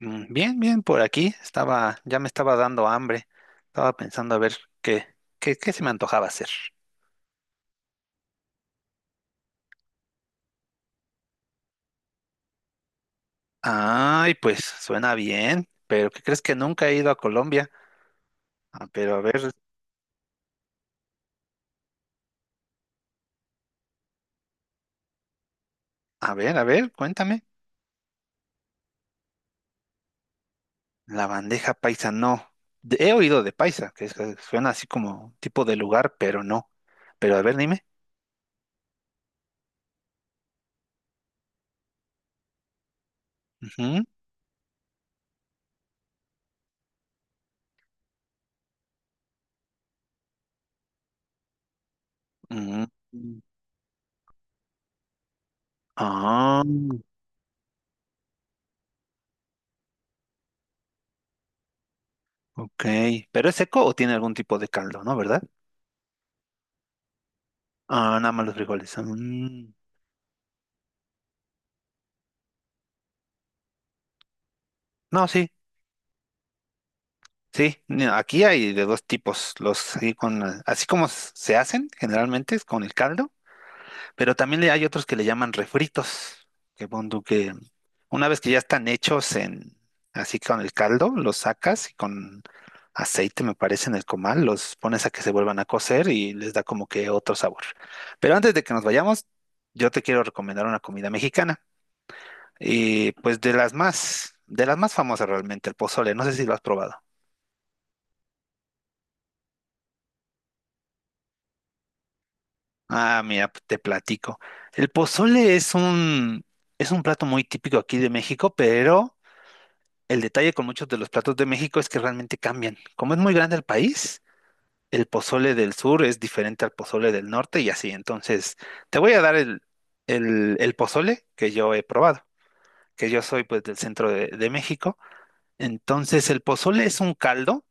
Bien, bien, por aquí estaba, ya me estaba dando hambre. Estaba pensando a ver qué, qué, qué se me antojaba hacer. Ay, pues suena bien, pero ¿qué crees que nunca he ido a Colombia? Ah, pero a ver, a ver, a ver, cuéntame. La bandeja paisa no. De- He oído de paisa, que es- que suena así como tipo de lugar, pero no. Pero a ver, dime. Ujú, ujú. Ah, ok. ¿Pero es seco o tiene algún tipo de caldo, no, verdad? Ah, nada más los frijoles. Ah, Mm. No, sí. Sí, ni- aquí hay de dos tipos, los así con así como s- se hacen generalmente es con el caldo, pero también le- hay otros que le llaman refritos, que pon tú que una vez que ya están hechos en así con el caldo, los sacas y con aceite me parece en el comal, los pones a que se vuelvan a cocer y les da como que otro sabor. Pero antes de que nos vayamos, yo te quiero recomendar una comida mexicana y pues de las más famosas realmente, el pozole, no sé si lo has probado. Ah, mira, te platico. El pozole es un, Es un plato muy típico aquí de México, pero el detalle con muchos de los platos de México es que realmente cambian. Como es muy grande el país, el pozole del sur es diferente al pozole del norte y así. Entonces, te voy a dar el pozole que yo he probado, que yo soy pues del centro de México. Entonces, el pozole es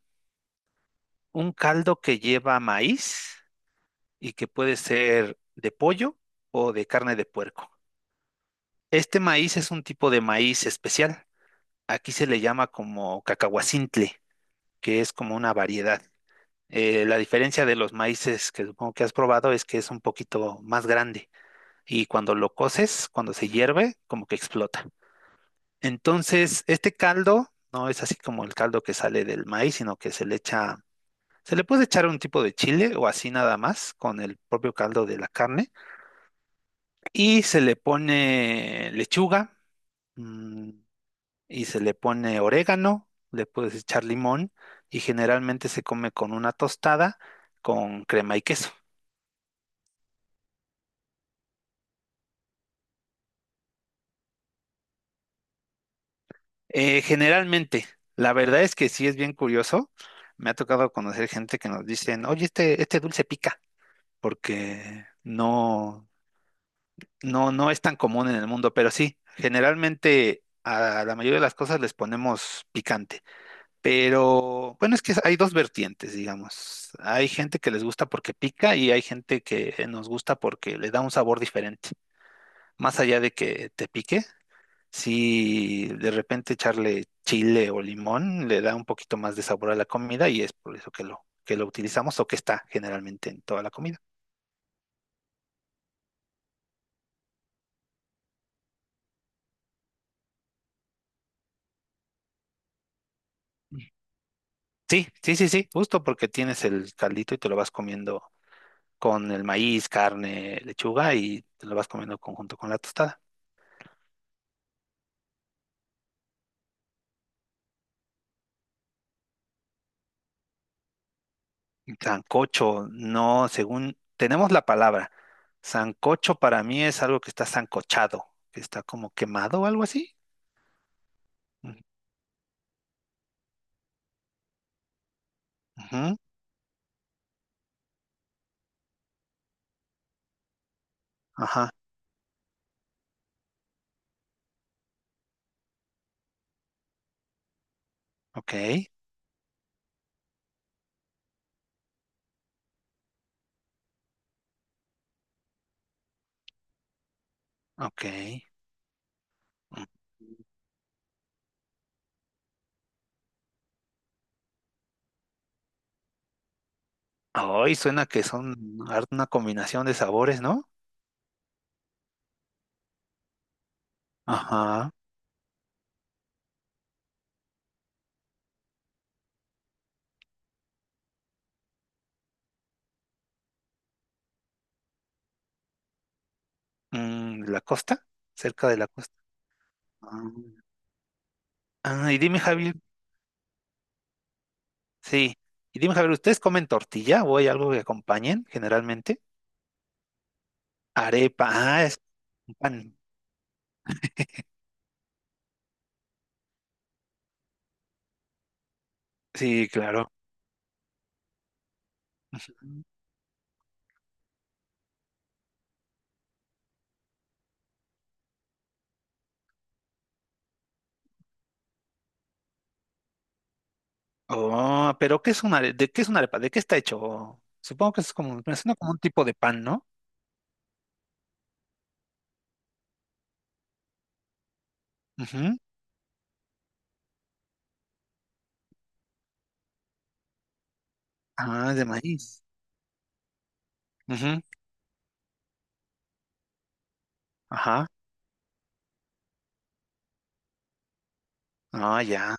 un caldo que lleva maíz y que puede ser de pollo o de carne de puerco. Este maíz es un tipo de maíz especial. Aquí se le llama como cacahuacintle, que es como una variedad. La diferencia de los maíces que supongo que has probado es que es un poquito más grande y cuando lo coces, cuando se hierve, como que explota. Entonces, este caldo no es así como el caldo que sale del maíz, sino que se le echa, se le puede echar un tipo de chile o así nada más con el propio caldo de la carne y se le pone lechuga. mm, y se le pone orégano, le puedes echar limón y generalmente se come con una tostada con crema y queso. Generalmente, la verdad es que sí es bien curioso. Me ha tocado conocer gente que nos dicen, oye, este dulce pica, porque no, no, no es tan común en el mundo, pero sí, generalmente a la mayoría de las cosas les ponemos picante. Pero bueno, es que hay dos vertientes, digamos. Hay gente que les gusta porque pica y hay gente que nos gusta porque le da un sabor diferente. Más allá de que te pique, si de repente echarle chile o limón le da un poquito más de sabor a la comida y es por eso que lo utilizamos o que está generalmente en toda la comida. Sí, sí, sí, sí, justo porque tienes el caldito y te lo vas comiendo con el maíz, carne, lechuga y te lo vas comiendo conjunto con la tostada. Sancocho, no, según tenemos la palabra. Sancocho para mí es algo que está sancochado, que está como quemado o algo así. Mm, ujú, Ajá, ok, ok. Mm. Ay, suena que son har- una combinación de sabores, ¿no? Ajá. Mm, ¿la costa? Cerca de la costa. Ah, Ah, y dime, Javier, sí. Y dime, Javier, ¿ustedes comen tortilla o hay algo que acompañen generalmente? Arepa, ah, es un pan. Sí, claro. Oh, pero ¿qué es una, are- de qué es una arepa? ¿De qué está hecho? Supongo que es como, me suena como un tipo de pan, ¿no? Ujú. Ah, de maíz. Ujú. Ajá. Ah, ya.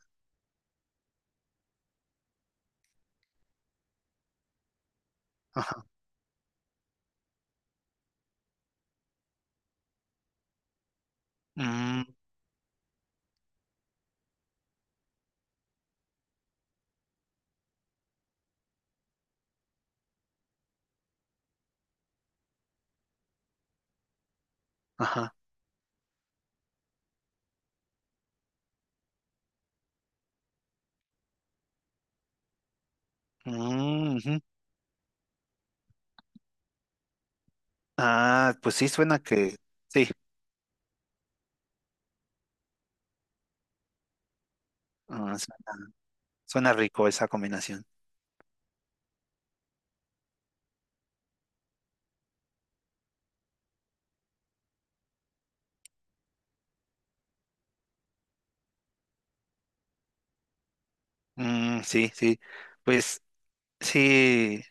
Ajá. Mm, ajá. Mm, ujú. Ah, pues sí, suena que, sí, Ah, suena, suena rico esa combinación. Mm, sí, sí. Pues sí,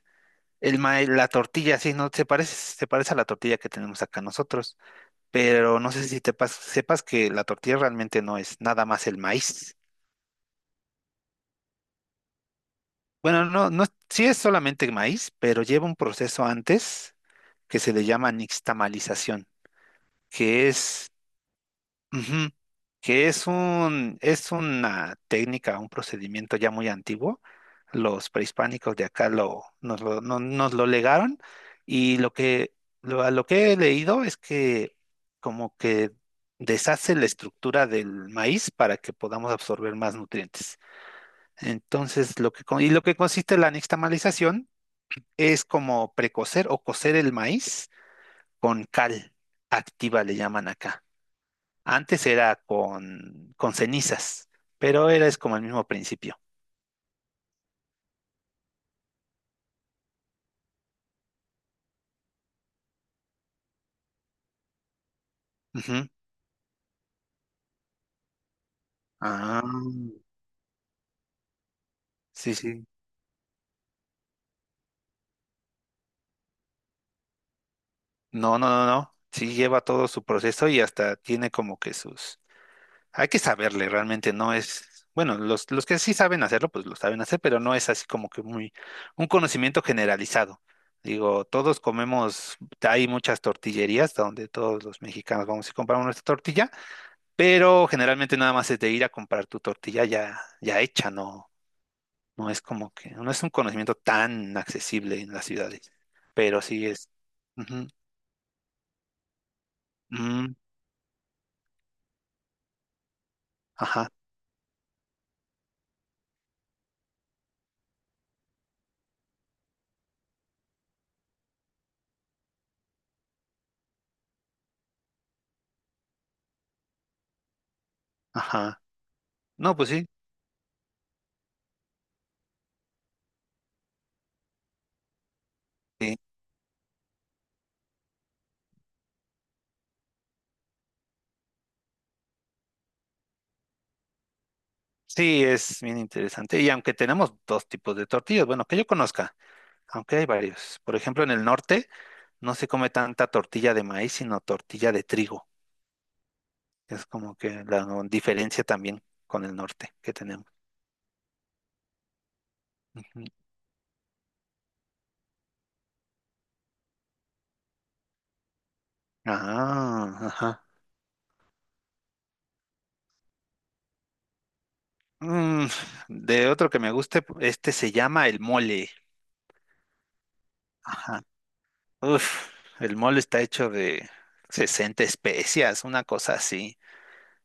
el maíz, la tortilla, sí, no, se parece a la tortilla que tenemos acá nosotros, pero no sé si te pas- sepas que la tortilla realmente no es nada más el maíz. Bueno, no, no, sí es solamente maíz, pero lleva un proceso antes que se le llama nixtamalización, que es, ujú, es una técnica, un procedimiento ya muy antiguo. Los prehispánicos de acá lo, nos lo, no- nos lo legaron y a lo que he leído es que como que deshace la estructura del maíz para que podamos absorber más nutrientes. Entonces, y lo que consiste la nixtamalización es como precocer o cocer el maíz con cal activa, le llaman acá. Antes era con cenizas, pero era es como el mismo principio. Ujú. Ah, sí, sí. No, no, no, no. Sí lleva todo su proceso y hasta tiene como que sus Hay que saberle, realmente no es, bueno, los que sí saben hacerlo, pues lo saben hacer, pero no es así como que muy, un conocimiento generalizado. Digo, todos comemos, hay muchas tortillerías donde todos los mexicanos vamos y compramos nuestra tortilla, pero generalmente nada más es de ir a comprar tu tortilla ya, ya hecha, no, no es como que, no es un conocimiento tan accesible en las ciudades, pero sí es. Ujú, mm, ajá, ajá. No, pues sí. Sí. Sí, es bien interesante. Y aunque tenemos dos tipos de tortillas, bueno, que yo conozca, aunque hay varios. Por ejemplo, en el norte no se come tanta tortilla de maíz, sino tortilla de trigo. Es como que la no, diferencia también con el norte que tenemos. Ujú. Ah, ajá. Mm, de otro que me guste, este se llama el mole. Ajá. Uf, el mole está hecho de 60 especias, una cosa así.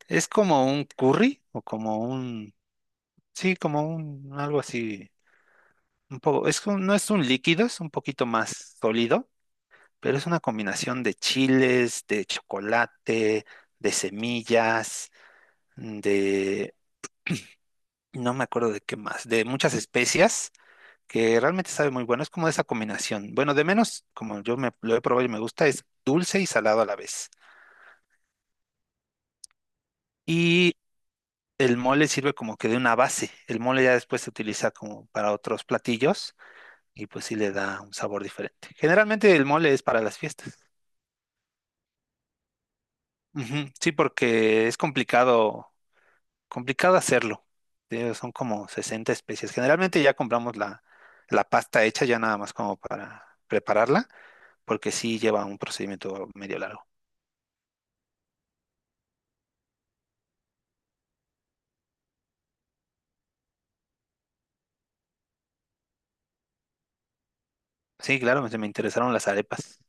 Es como un curry o como un Sí, como un algo así, un poco, es que no es un líquido, es un poquito más sólido, pero es una combinación de chiles, de chocolate, de semillas, de no me acuerdo de qué más, de muchas especias que realmente sabe muy bueno, es como esa combinación. Bueno, de menos, como yo me lo he probado y me gusta, es dulce y salado a la vez. Y el mole sirve como que de una base. El mole ya después se utiliza como para otros platillos y pues sí le da un sabor diferente. Generalmente el mole es para las fiestas. Ujú, Sí, porque es complicado, complicado hacerlo. Son como 60 especies. Generalmente ya compramos la pasta hecha ya nada más como para prepararla, porque sí lleva un procedimiento medio largo. Sí, claro, me interesaron las arepas.